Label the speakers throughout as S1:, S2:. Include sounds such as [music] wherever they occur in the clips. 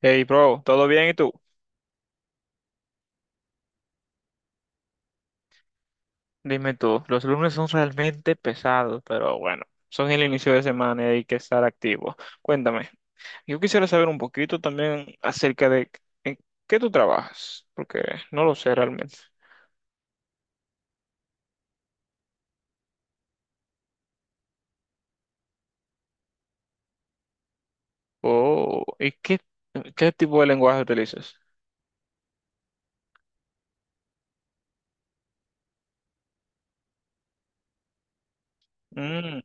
S1: Hey, bro, ¿todo bien y tú? Dime tú, los lunes son realmente pesados, pero bueno, son el inicio de semana y hay que estar activos. Cuéntame, yo quisiera saber un poquito también acerca de en qué tú trabajas, porque no lo sé realmente. Oh, ¿y qué tipo de lenguaje utilizas? Mm.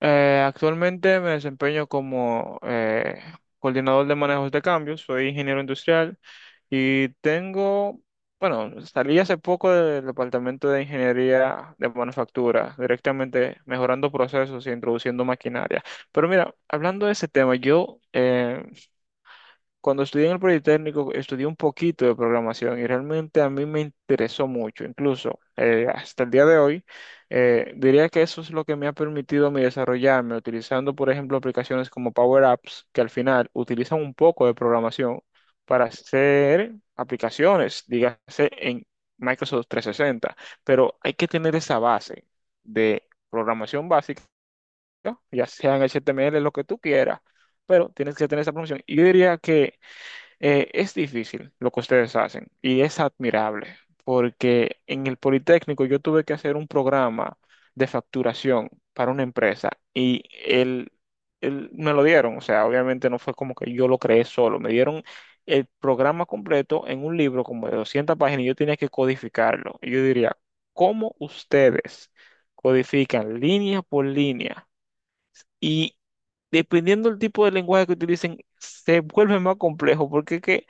S1: Actualmente me desempeño como coordinador de manejos de cambios, soy ingeniero industrial y tengo, bueno, salí hace poco del departamento de ingeniería de manufactura, directamente mejorando procesos y introduciendo maquinaria. Pero mira, hablando de ese tema, yo cuando estudié en el Politécnico, estudié un poquito de programación y realmente a mí me interesó mucho. Incluso hasta el día de hoy, diría que eso es lo que me ha permitido a mí desarrollarme, utilizando, por ejemplo, aplicaciones como Power Apps, que al final utilizan un poco de programación para hacer aplicaciones, dígase en Microsoft 360. Pero hay que tener esa base de programación básica, ya sea en HTML, lo que tú quieras, pero tienes que tener esa promoción. Y yo diría que es difícil lo que ustedes hacen y es admirable, porque en el Politécnico yo tuve que hacer un programa de facturación para una empresa y me lo dieron, o sea, obviamente no fue como que yo lo creé solo, me dieron el programa completo en un libro como de 200 páginas y yo tenía que codificarlo. Y yo diría, ¿cómo ustedes codifican línea por línea? Y dependiendo del tipo de lenguaje que utilicen, se vuelve más complejo, porque es que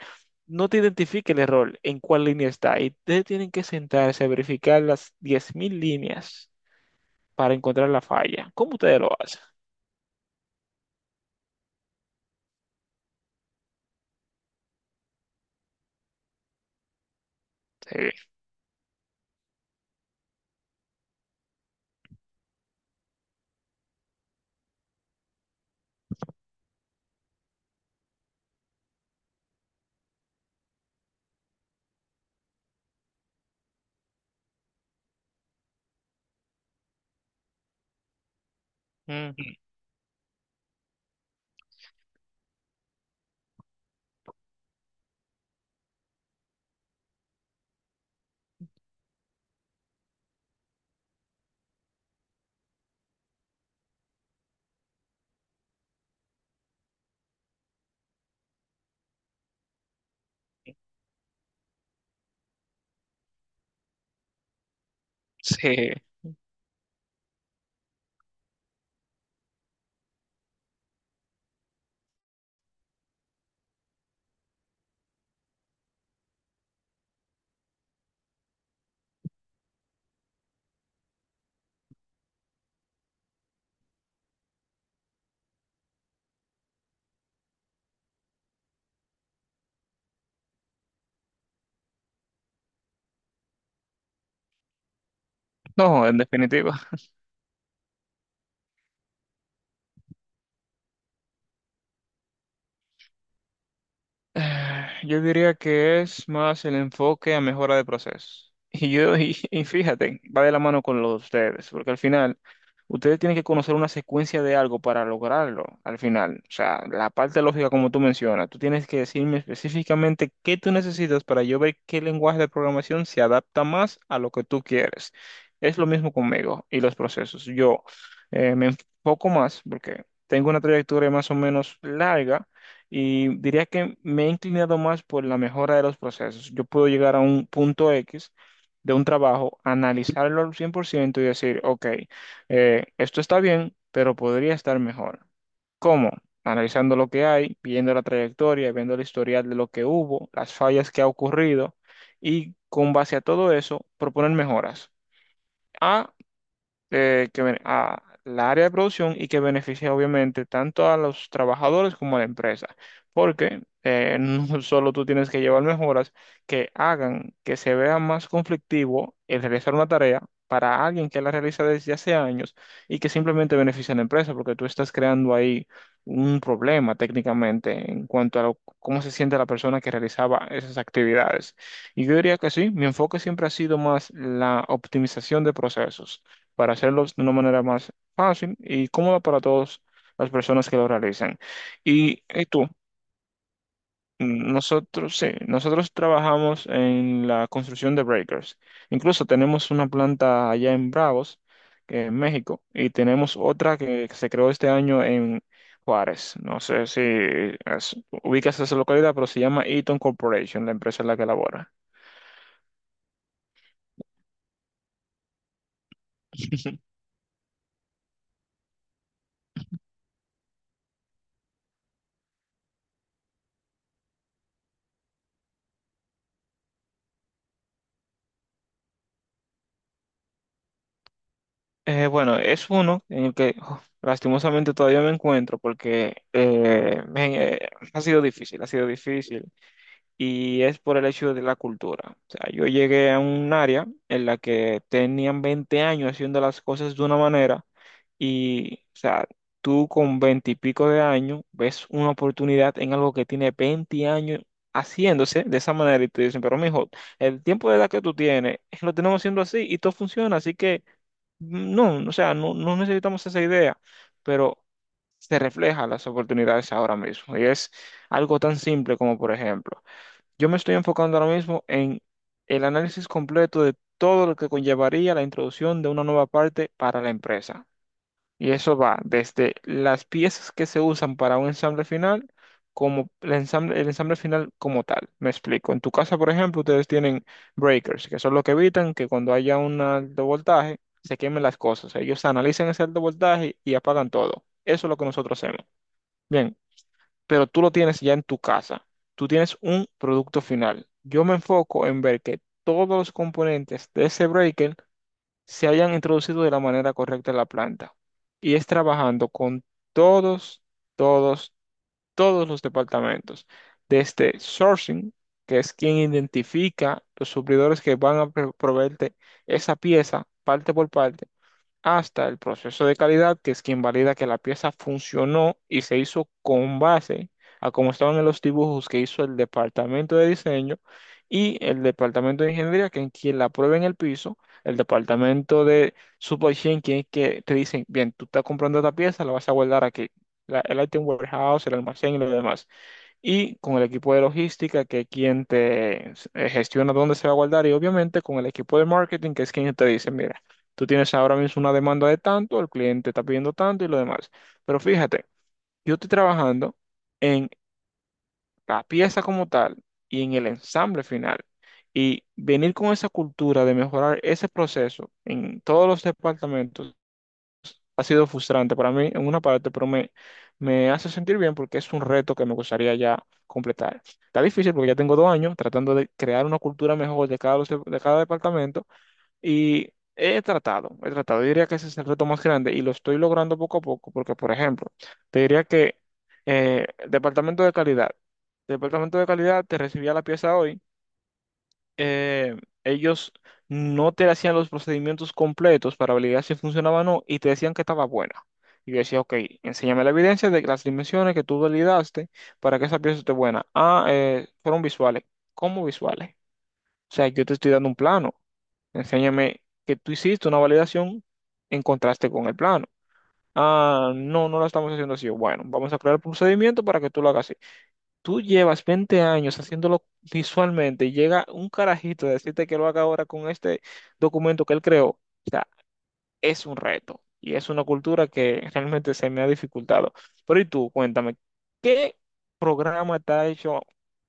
S1: no te identifica el error en cuál línea está. Y ustedes tienen que sentarse a verificar las 10.000 líneas para encontrar la falla. ¿Cómo ustedes lo hacen? Sí. Ujú. Sí. No, en definitiva. Eh, Yo diría que es más el enfoque a mejora de procesos. [laughs] Y yo, y fíjate, va de la mano con lo de ustedes, porque al final, ustedes tienen que conocer una secuencia de algo para lograrlo, al final. O sea, la parte lógica como tú mencionas, tú tienes que decirme específicamente qué tú necesitas para yo ver qué lenguaje de programación se adapta más a lo que tú quieres. Es lo mismo conmigo y los procesos. Yo me enfoco más porque tengo una trayectoria más o menos larga y diría que me he inclinado más por la mejora de los procesos. Yo puedo llegar a un punto X de un trabajo, analizarlo al 100% y decir, ok, esto está bien, pero podría estar mejor. ¿Cómo? Analizando lo que hay, viendo la trayectoria, viendo el historial de lo que hubo, las fallas que ha ocurrido, y con base a todo eso, proponer mejoras. A a la área de producción, y que beneficia obviamente tanto a los trabajadores como a la empresa, porque [laughs] no solo tú tienes que llevar mejoras que hagan que se vea más conflictivo el realizar una tarea para alguien que la realiza desde hace años y que simplemente beneficia a la empresa, porque tú estás creando ahí un problema técnicamente en cuanto a lo- cómo se siente la persona que realizaba esas actividades. Y yo diría que sí, mi enfoque siempre ha sido más la optimización de procesos para hacerlos de una manera más fácil y cómoda para todas las personas que lo realizan. Y tú, nosotros, sí, nosotros trabajamos en la construcción de breakers. Incluso tenemos una planta allá en Bravos, que en México, y tenemos otra que se creó este año en Juárez. No sé si es- ubicas esa localidad, pero se llama Eaton Corporation, la empresa en la que labora. [laughs] Bueno, es uno en el que oh, lastimosamente todavía me encuentro porque ha sido difícil, ha sido difícil, y es por el hecho de la cultura. O sea, yo llegué a un área en la que tenían 20 años haciendo las cosas de una manera y, o sea, tú con 20 y pico de años ves una oportunidad en algo que tiene 20 años haciéndose de esa manera y te dicen, pero mijo, el tiempo de edad que tú tienes lo tenemos haciendo así y todo funciona, así que... No, o sea, no, no necesitamos esa idea, pero se refleja las oportunidades ahora mismo. Y es algo tan simple como, por ejemplo, yo me estoy enfocando ahora mismo en el análisis completo de todo lo que conllevaría la introducción de una nueva parte para la empresa. Y eso va desde las piezas que se usan para un ensamble final, como el ensamble final como tal. Me explico. En tu casa, por ejemplo, ustedes tienen breakers, que son los que evitan que cuando haya un alto voltaje se quemen las cosas. Ellos analizan ese alto voltaje y apagan todo. Eso es lo que nosotros hacemos. Bien, pero tú lo tienes ya en tu casa. Tú tienes un producto final. Yo me enfoco en ver que todos los componentes de ese breaker se hayan introducido de la manera correcta en la planta. Y es trabajando con todos, todos, todos los departamentos, desde sourcing, que es quien identifica los suplidores que van a pro- proveerte esa pieza parte por parte, hasta el proceso de calidad, que es quien valida que la pieza funcionó y se hizo con base a cómo estaban en los dibujos que hizo el departamento de diseño y el departamento de ingeniería, que es quien la prueba en el piso, el departamento de supply chain, quien es que te dicen, bien, tú estás comprando esta pieza, la vas a guardar aquí, el item warehouse, el almacén y lo demás, y con el equipo de logística, que es quien te gestiona dónde se va a guardar, y obviamente con el equipo de marketing, que es quien te dice, mira, tú tienes ahora mismo una demanda de tanto, el cliente está pidiendo tanto y lo demás. Pero fíjate, yo estoy trabajando en la pieza como tal y en el ensamble final. Y venir con esa cultura de mejorar ese proceso en todos los departamentos ha sido frustrante para mí en una parte, pero me hace sentir bien porque es un reto que me gustaría ya completar. Está difícil porque ya tengo 2 años tratando de crear una cultura mejor de cada departamento y he tratado, he tratado. Yo diría que ese es el reto más grande y lo estoy logrando poco a poco porque, por ejemplo, te diría que departamento de calidad. Departamento de calidad te recibía la pieza hoy eh, ellos no te hacían los procedimientos completos para validar si funcionaba o no y te decían que estaba buena. Y yo decía, ok, enséñame la evidencia de que las dimensiones que tú validaste para que esa pieza esté buena. Ah, fueron visuales. ¿Cómo visuales? O sea, yo te estoy dando un plano. Enséñame que tú hiciste una validación en contraste con el plano. Ah, no, no la estamos haciendo así. Bueno, vamos a crear el procedimiento para que tú lo hagas. Tú llevas 20 años haciéndolo visualmente y llega un carajito a decirte que lo haga ahora con este documento que él creó. O sea, es un reto y es una cultura que [laughs] realmente se me ha dificultado. Pero y tú, cuéntame, ¿qué programa te ha hecho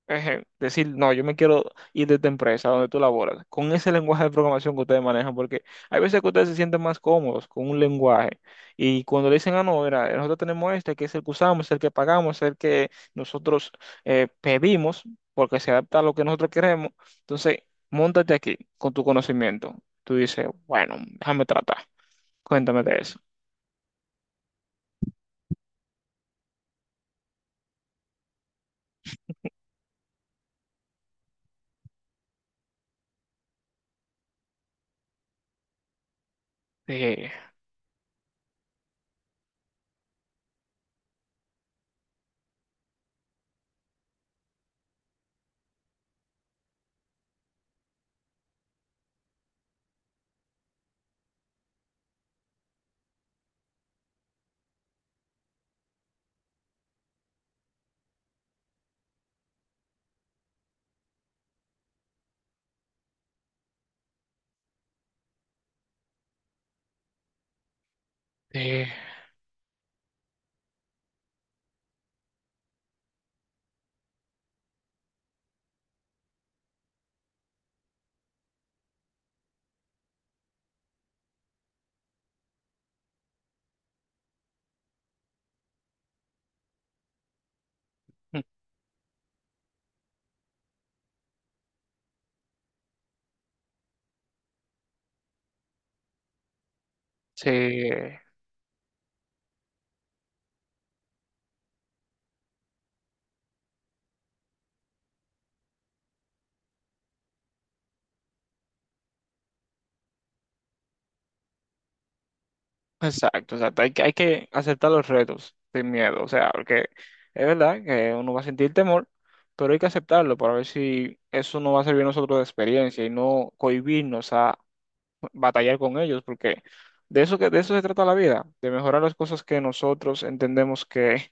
S1: decir, no, yo me quiero ir de esta empresa donde tú laboras, con ese lenguaje de programación que ustedes manejan? Porque hay veces que ustedes se sienten más cómodos con un lenguaje y cuando le dicen, ah, no, mira, nosotros tenemos este, que es el que usamos, el que pagamos, el que nosotros pedimos, porque se adapta a lo que nosotros queremos, entonces, móntate aquí con tu conocimiento. Tú dices, bueno, déjame tratar. Cuéntame de eso. Eh, eh, sí, exacto. O sea, hay que aceptar los retos sin miedo. O sea, porque es verdad que uno va a sentir temor, pero hay que aceptarlo para ver si eso nos va a servir a nosotros de experiencia y no cohibirnos a batallar con ellos, porque de eso que, de eso se trata la vida, de mejorar las cosas que nosotros entendemos que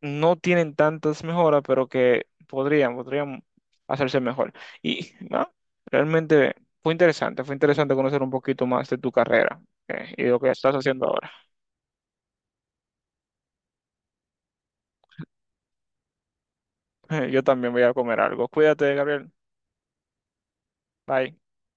S1: no tienen tantas mejoras, pero que podrían, podrían hacerse mejor. Y [laughs] ¿no? Realmente fue interesante conocer un poquito más de tu carrera y de lo que estás haciendo ahora. [laughs] Yo también voy a comer algo. Cuídate, Gabriel. Bye.